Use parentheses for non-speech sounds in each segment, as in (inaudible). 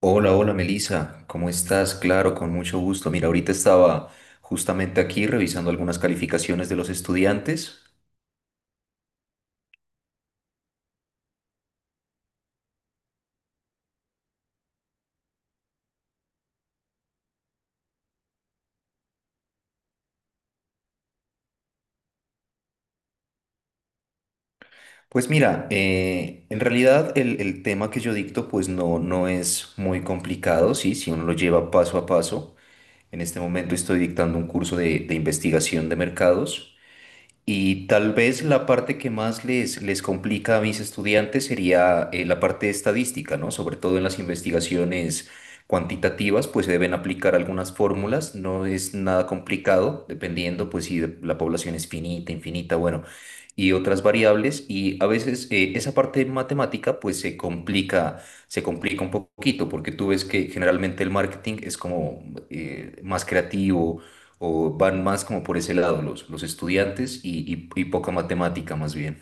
Hola, hola Melissa, ¿cómo estás? Claro, con mucho gusto. Mira, ahorita estaba justamente aquí revisando algunas calificaciones de los estudiantes. Pues mira, en realidad el tema que yo dicto pues no es muy complicado, sí, si uno lo lleva paso a paso. En este momento estoy dictando un curso de investigación de mercados. Y tal vez la parte que más les complica a mis estudiantes sería la parte de estadística, ¿no? Sobre todo en las investigaciones cuantitativas, pues se deben aplicar algunas fórmulas, no es nada complicado, dependiendo pues si la población es finita, infinita, bueno, y otras variables. Y a veces esa parte matemática pues se complica un poquito, porque tú ves que generalmente el marketing es como más creativo o van más como por ese lado los estudiantes y poca matemática más bien.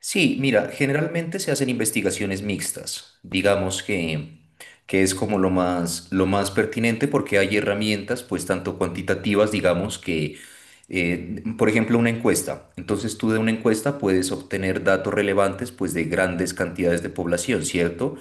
Sí, mira, generalmente se hacen investigaciones mixtas, digamos que es como lo más pertinente porque hay herramientas, pues tanto cuantitativas, digamos que, por ejemplo, una encuesta. Entonces tú de una encuesta puedes obtener datos relevantes, pues de grandes cantidades de población, ¿cierto?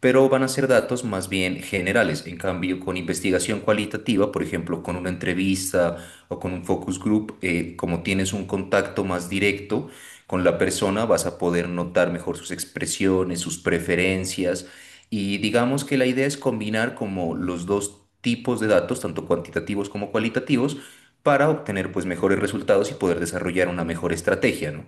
Pero van a ser datos más bien generales. En cambio, con investigación cualitativa, por ejemplo, con una entrevista o con un focus group, como tienes un contacto más directo, con la persona vas a poder notar mejor sus expresiones, sus preferencias y digamos que la idea es combinar como los dos tipos de datos, tanto cuantitativos como cualitativos, para obtener pues mejores resultados y poder desarrollar una mejor estrategia, ¿no?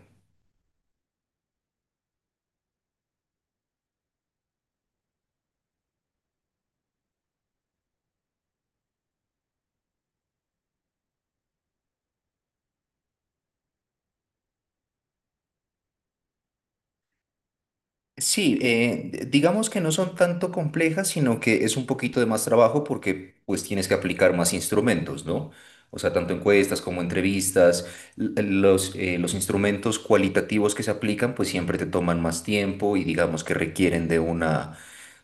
Sí, digamos que no son tanto complejas, sino que es un poquito de más trabajo porque pues tienes que aplicar más instrumentos, ¿no? O sea, tanto encuestas como entrevistas, los instrumentos cualitativos que se aplican pues siempre te toman más tiempo y digamos que requieren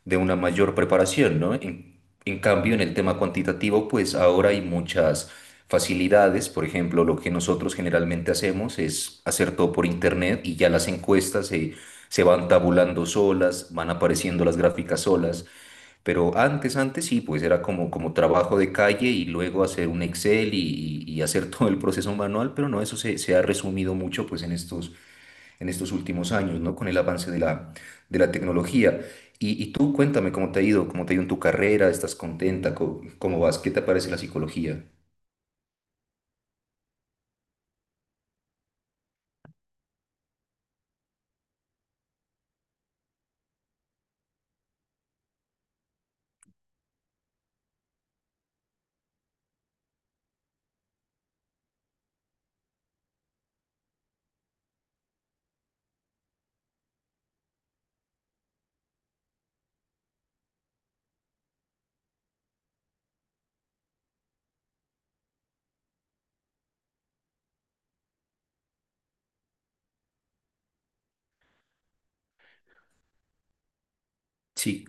de una mayor preparación, ¿no? En cambio, en el tema cuantitativo, pues ahora hay muchas facilidades. Por ejemplo, lo que nosotros generalmente hacemos es hacer todo por internet y ya las encuestas se van tabulando solas, van apareciendo las gráficas solas. Pero antes, antes sí, pues era como, como trabajo de calle y luego hacer un Excel y hacer (laughs) todo el proceso manual, pero no, se ha resumido mucho pues en estos últimos años, ¿no? Con el avance de de la tecnología. Y tú cuéntame cómo te ha ido, cómo te ha ido en tu carrera, ¿estás contenta? ¿Cómo, cómo vas? ¿Qué te parece la psicología? Sí.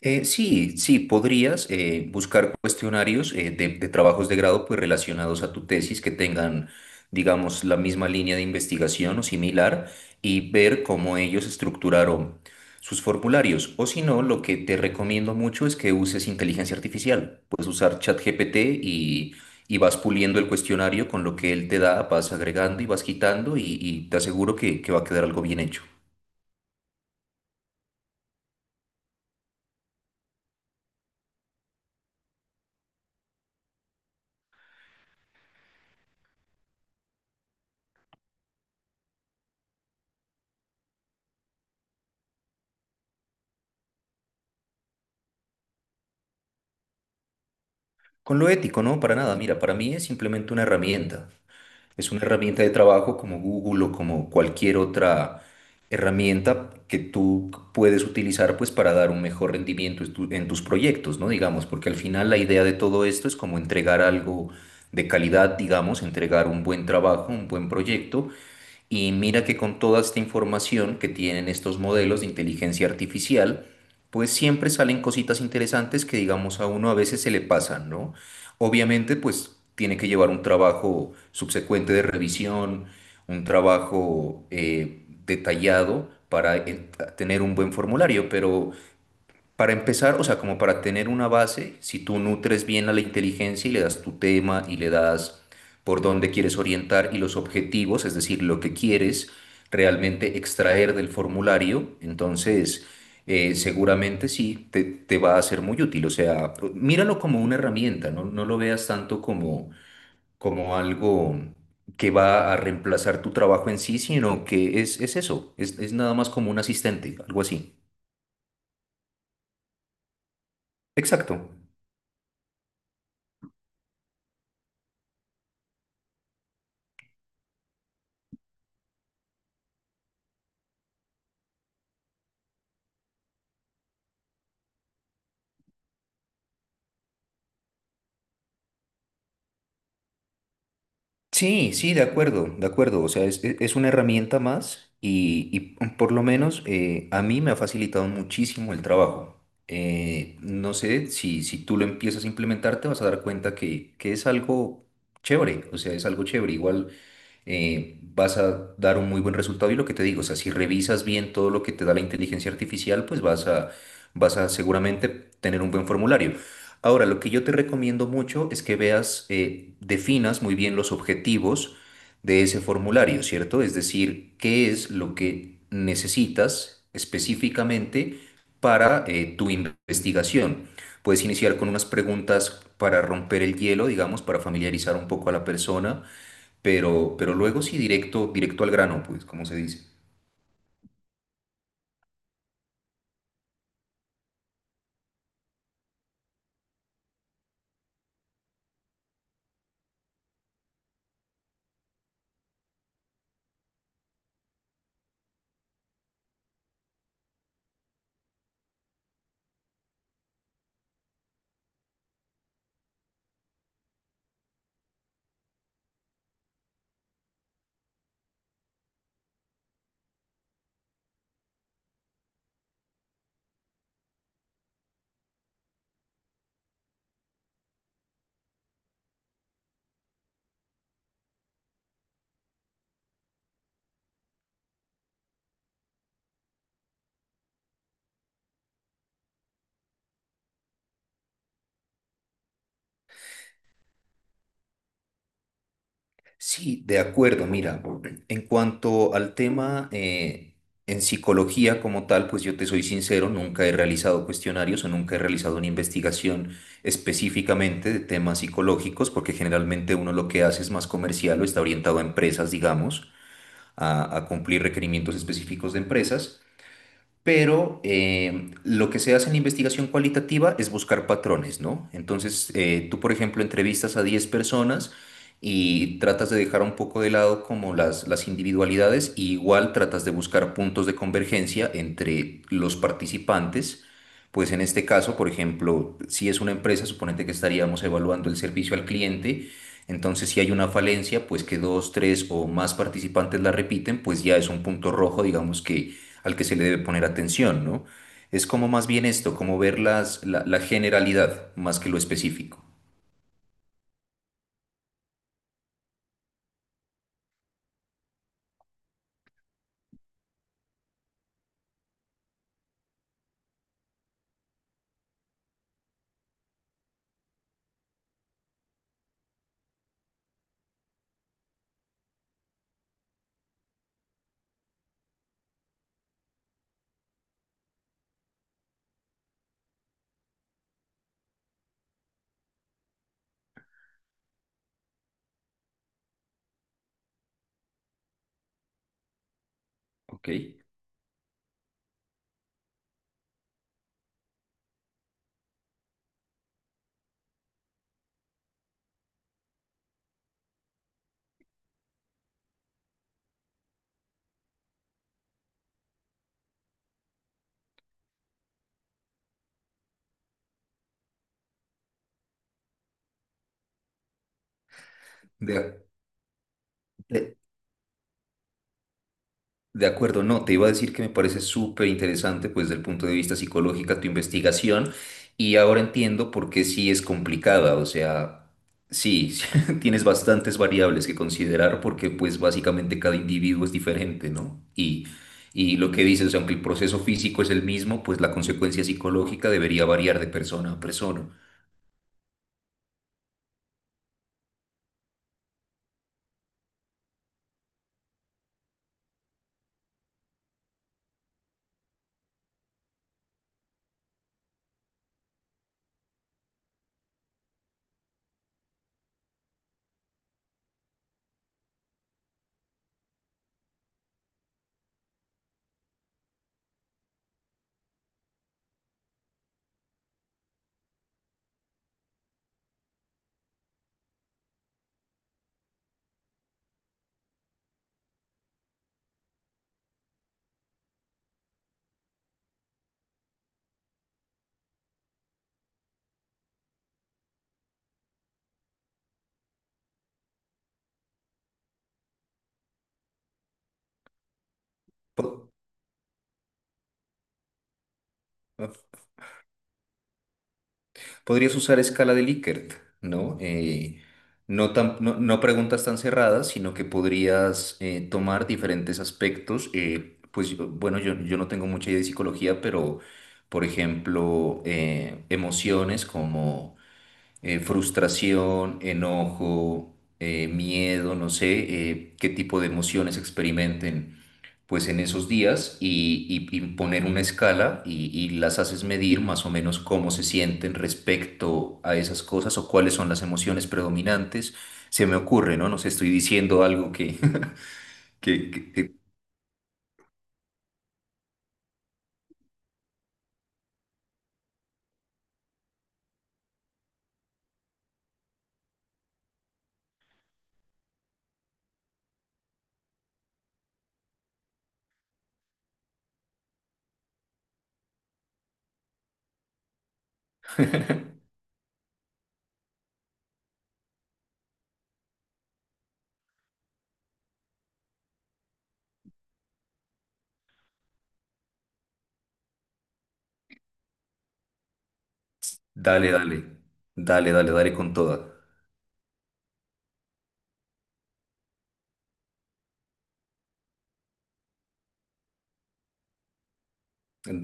Sí, sí, podrías buscar cuestionarios de trabajos de grado pues, relacionados a tu tesis que tengan, digamos, la misma línea de investigación o similar y ver cómo ellos estructuraron sus formularios. O si no, lo que te recomiendo mucho es que uses inteligencia artificial. Puedes usar ChatGPT y vas puliendo el cuestionario con lo que él te da, vas agregando y vas quitando y te aseguro que va a quedar algo bien hecho. Con lo ético, no, para nada. Mira, para mí es simplemente una herramienta. Es una herramienta de trabajo como Google o como cualquier otra herramienta que tú puedes utilizar pues para dar un mejor rendimiento en en tus proyectos, ¿no? Digamos, porque al final la idea de todo esto es como entregar algo de calidad, digamos, entregar un buen trabajo, un buen proyecto y mira que con toda esta información que tienen estos modelos de inteligencia artificial, pues siempre salen cositas interesantes que digamos a uno a veces se le pasan, ¿no? Obviamente, pues tiene que llevar un trabajo subsecuente de revisión, un trabajo detallado para tener un buen formulario, pero para empezar, o sea, como para tener una base, si tú nutres bien a la inteligencia y le das tu tema y le das por dónde quieres orientar y los objetivos, es decir, lo que quieres realmente extraer del formulario, entonces seguramente sí te va a ser muy útil. O sea, míralo como una herramienta, no, no lo veas tanto como, como algo que va a reemplazar tu trabajo en sí, sino que es eso, es nada más como un asistente, algo así. Exacto. Sí, sí, de acuerdo, de acuerdo. O sea, es una herramienta más y por lo menos a mí me ha facilitado muchísimo el trabajo. No sé si, si tú lo empiezas a implementar, te vas a dar cuenta que es algo chévere. O sea, es algo chévere. Igual vas a dar un muy buen resultado. Y lo que te digo, o sea, si revisas bien todo lo que te da la inteligencia artificial, pues vas a, vas a seguramente tener un buen formulario. Ahora, lo que yo te recomiendo mucho es que veas, definas muy bien los objetivos de ese formulario, ¿cierto? Es decir, qué es lo que necesitas específicamente para tu investigación. Puedes iniciar con unas preguntas para romper el hielo, digamos, para familiarizar un poco a la persona, pero luego sí directo, directo al grano, pues, como se dice. Sí, de acuerdo. Mira, en cuanto al tema en psicología como tal, pues yo te soy sincero, nunca he realizado cuestionarios o nunca he realizado una investigación específicamente de temas psicológicos, porque generalmente uno lo que hace es más comercial o está orientado a empresas, digamos, a cumplir requerimientos específicos de empresas. Pero lo que se hace en la investigación cualitativa es buscar patrones, ¿no? Entonces, tú, por ejemplo, entrevistas a 10 personas y tratas de dejar un poco de lado como las individualidades y igual tratas de buscar puntos de convergencia entre los participantes. Pues en este caso, por ejemplo, si es una empresa, suponete que estaríamos evaluando el servicio al cliente. Entonces, si hay una falencia, pues que dos, tres o más participantes la repiten, pues ya es un punto rojo, digamos que al que se le debe poner atención, ¿no? Es como más bien esto, como ver las, la generalidad más que lo específico. ¿Ok? De, de- De acuerdo, no, te iba a decir que me parece súper interesante, pues, desde el punto de vista psicológica, tu investigación, y ahora entiendo por qué sí es complicada, o sea, sí, (laughs) sí, tienes bastantes variables que considerar porque, pues, básicamente cada individuo es diferente, ¿no? Y lo que dices, o sea, aunque el proceso físico es el mismo, pues la consecuencia psicológica debería variar de persona a persona. Po- Podrías usar escala de Likert, ¿no? No, no preguntas tan cerradas, sino que podrías tomar diferentes aspectos. Bueno, yo, yo no tengo mucha idea de psicología, pero por ejemplo, emociones como frustración, enojo, miedo, no sé, qué tipo de emociones experimenten pues en esos días y poner una escala y las haces medir más o menos cómo se sienten respecto a esas cosas o cuáles son las emociones predominantes. Se me ocurre, ¿no? No sé, estoy diciendo algo que, (laughs) que, que- que- dale, dale, dale, dale, dale con toda.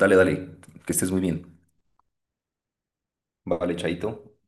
Dale, dale, que estés muy bien. Vale, chaito.